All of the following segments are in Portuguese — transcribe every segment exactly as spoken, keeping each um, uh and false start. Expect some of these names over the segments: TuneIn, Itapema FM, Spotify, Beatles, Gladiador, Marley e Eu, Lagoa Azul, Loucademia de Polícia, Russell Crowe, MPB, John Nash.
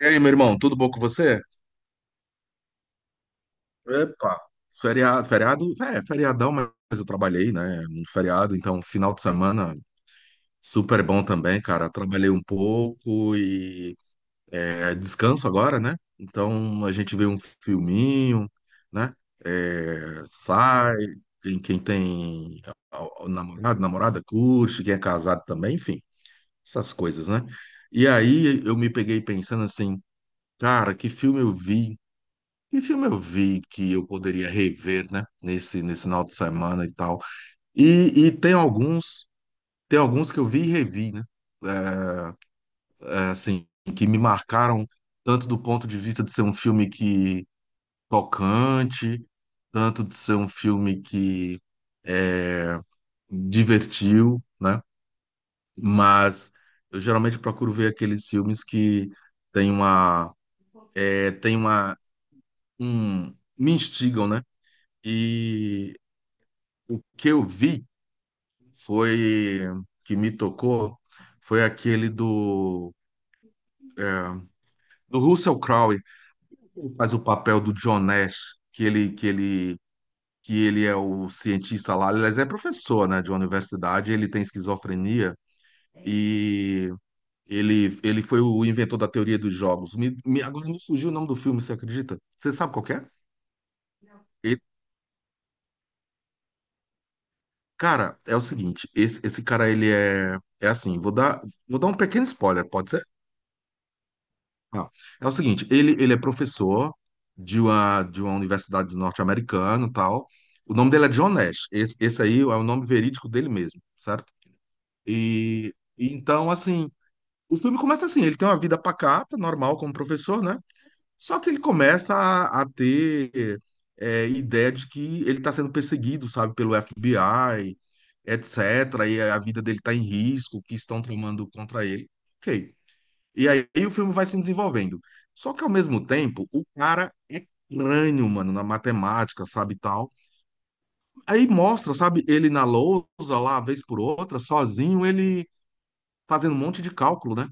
E aí, meu irmão, tudo bom com você? Epa, feriado, feriado, é, feriadão, mas eu trabalhei, né, no feriado, então final de semana super bom também, cara. Trabalhei um pouco e é, descanso agora, né? Então a gente vê um filminho, né? É, sai, tem quem tem ó, ó, namorado, namorada curte, quem é casado também, enfim, essas coisas, né? E aí eu me peguei pensando assim, cara, que filme eu vi? Que filme eu vi que eu poderia rever, né? Nesse, nesse final de semana e tal. E, e tem alguns, tem alguns que eu vi e revi, né? É, é, assim, que me marcaram tanto do ponto de vista de ser um filme que tocante, tanto de ser um filme que é, divertiu, né? Mas eu geralmente procuro ver aqueles filmes que tem uma, é, tem uma, um, me instigam, né? O que eu vi foi que me tocou foi aquele do é, do Russell Crowe, que faz o papel do John Nash, que ele que ele que ele é o cientista lá, aliás, é professor, né, de uma universidade, ele tem esquizofrenia e ele ele foi o inventor da teoria dos jogos. Me, me- agora me surgiu o nome do filme, você acredita? Você sabe qual que é? Ele- cara, é o seguinte, esse, esse cara ele é é assim, vou dar vou dar um pequeno spoiler, pode ser? Não. É o seguinte, ele, ele é professor de uma, de uma universidade norte-americana e tal. O nome dele é John Nash. Esse, esse aí é o nome verídico dele mesmo, certo? E, e então, assim, o filme começa assim, ele tem uma vida pacata, normal como professor, né? Só que ele começa a, a ter é, ideia de que ele está sendo perseguido, sabe, pelo F B I, etcétera. E a vida dele está em risco, que estão tramando contra ele. Ok. E aí o filme vai se desenvolvendo. Só que ao mesmo tempo, o cara é crânio, mano, na matemática, sabe, e tal. Aí mostra, sabe, ele na lousa lá, vez por outra, sozinho, ele fazendo um monte de cálculo, né?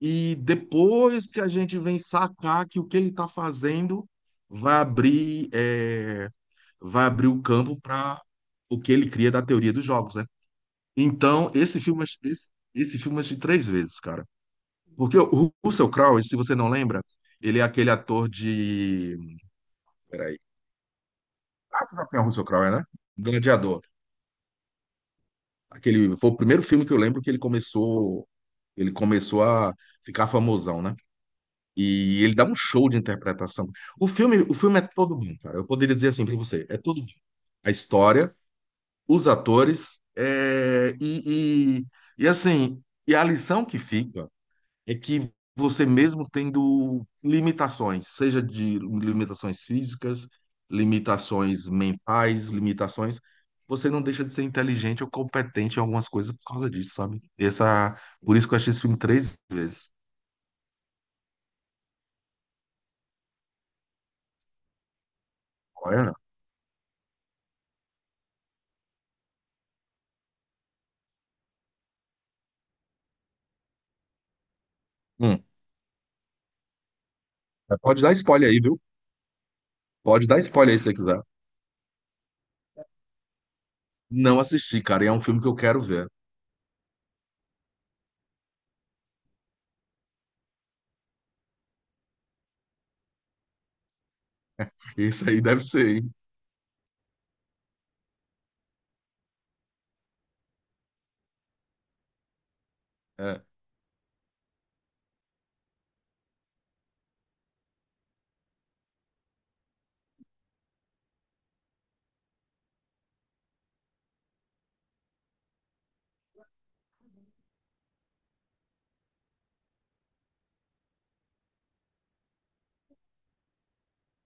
E depois que a gente vem sacar que o que ele tá fazendo vai abrir, é, vai abrir o campo para o que ele cria da teoria dos jogos, né? Então, esse filme, esse, esse filme eu assisti três vezes, cara. Porque o Russell Crowe, se você não lembra, ele é aquele ator de. Peraí. Ah, você sabe quem é o Russell Crowe, é, né? Gladiador. Aquele... Foi o primeiro filme que eu lembro que ele começou. Ele começou a ficar famosão, né? E ele dá um show de interpretação. O filme, o filme é todo bom, cara. Eu poderia dizer assim para você, é todo bom. A história, os atores, é, e, e, e assim, e a lição que fica é que você mesmo tendo limitações, seja de limitações físicas, limitações mentais, limitações, você não deixa de ser inteligente ou competente em algumas coisas por causa disso, sabe? Essa, por isso que eu achei esse filme três vezes. Olha, hum, pode dar spoiler aí, viu? Pode dar spoiler aí se você quiser. Não assisti, cara, e é um filme que eu quero ver. Isso aí deve ser, hein? É,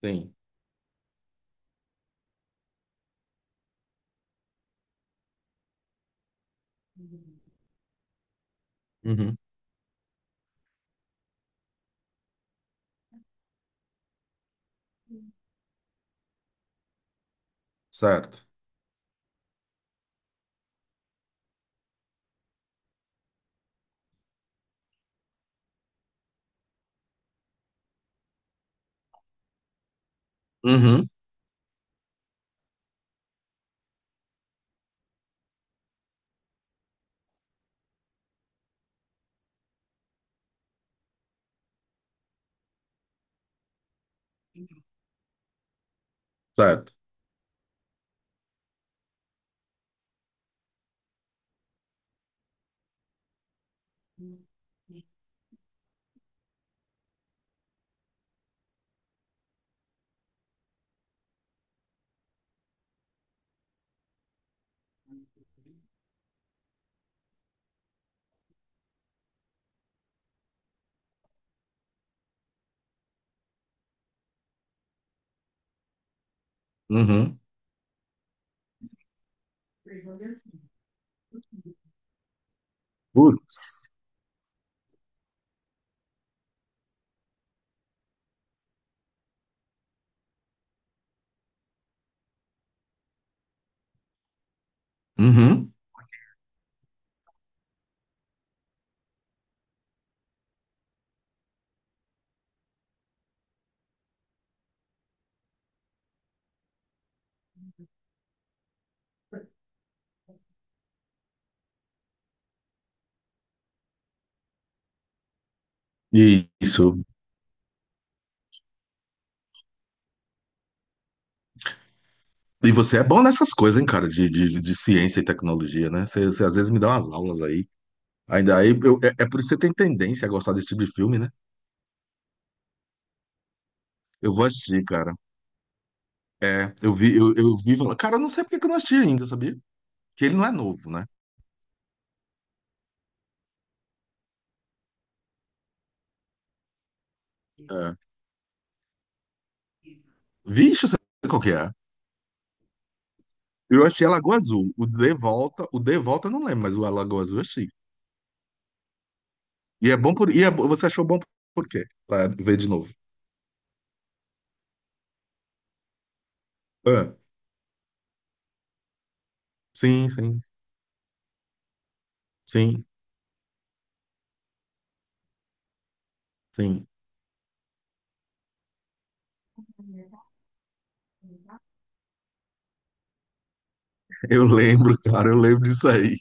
sim. Uhum, certo. Uhum, certo. Uhum. Putz. Uhum. Isso. E você é bom nessas coisas, hein, cara, de, de, de ciência e tecnologia, né? Você, você às vezes me dá umas aulas aí. Ainda aí, eu- é, é por isso que você tem tendência a gostar desse tipo de filme, né? Eu vou assistir, cara. É, eu vi, eu, eu vi. Falar- cara, eu não sei porque que eu não assisti ainda, sabia? Que ele não é novo, né? É. Vixe, eu qual que é. Eu achei a Lagoa Azul. O De Volta, o De Volta eu não lembro, mas o A Lagoa Azul eu achei. E é bom por. E é bo- você achou bom por quê? Pra ver de novo. É. Sim, sim, sim, sim. Eu lembro, cara, eu lembro disso aí.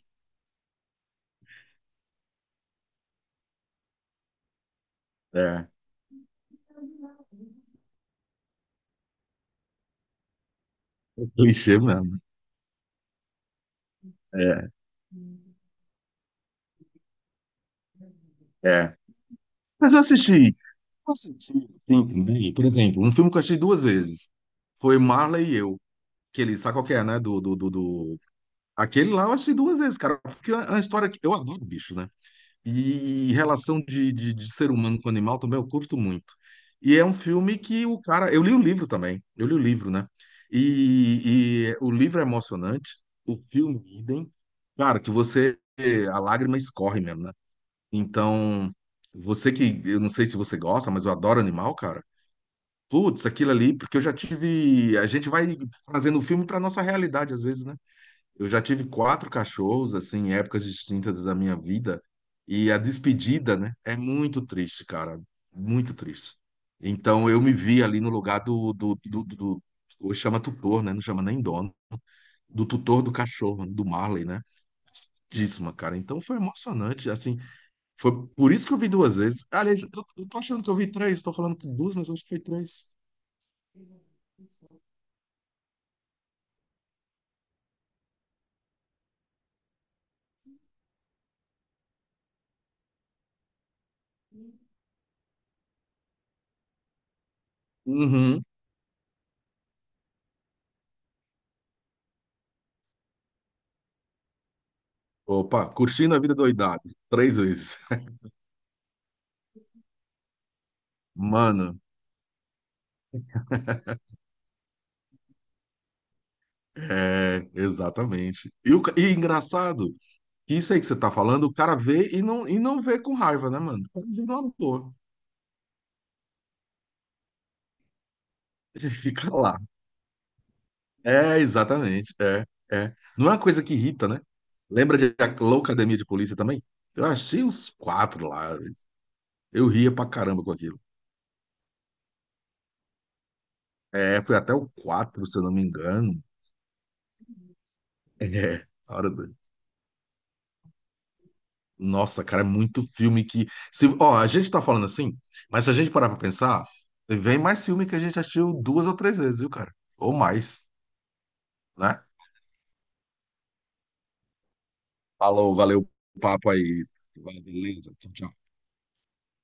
É. Clichê mesmo. É, é. Mas eu assisti. Eu assisti, sim, também. Por exemplo, um filme que eu achei duas vezes. Foi Marley e Eu. Aquele, sabe qual que é, né? Do, do, do, do- Aquele lá eu achei duas vezes, cara. Porque é uma história que eu adoro bicho, né? E relação de, de, de ser humano com animal também eu curto muito. E é um filme que o cara. Eu li o livro também. Eu li o livro, né? E, e o livro é emocionante. O filme, idem. Cara, que você. A lágrima escorre mesmo, né? Então, você que, eu não sei se você gosta, mas eu adoro animal, cara. Putz, aquilo ali, porque eu já tive. A gente vai fazendo filme para nossa realidade, às vezes, né? Eu já tive quatro cachorros, assim, em épocas distintas da minha vida. E a despedida, né? É muito triste, cara. Muito triste. Então, eu me vi ali no lugar do, do, do, do, do- hoje chama tutor, né? Não chama nem dono. Do tutor do cachorro, do Marley, né? Tristíssima, cara. Então foi emocionante. Assim, foi por isso que eu vi duas vezes. Aliás, eu, eu tô achando que eu vi três, tô falando que duas, mas eu acho que foi três. Uhum. Opa, curtindo a vida doidado. Três vezes. Mano, é, exatamente. E, o, ca- e engraçado, isso aí que você tá falando, o cara vê e não, e não vê com raiva, né, mano? O cara vê numa boa. Ele fica lá. É, exatamente. É, é. Não é uma coisa que irrita, né? Lembra de Loucademia de Polícia também? Eu achei uns quatro lá. Eu ria pra caramba com aquilo. É, foi até o quatro, se eu não me engano. É, a hora do... Nossa, cara, é muito filme que. Se... Ó, a gente tá falando assim, mas se a gente parar pra pensar, vem mais filme que a gente assistiu duas ou três vezes, viu, cara? Ou mais, né? Falou, valeu o papo aí. Beleza, tchau. Tchau.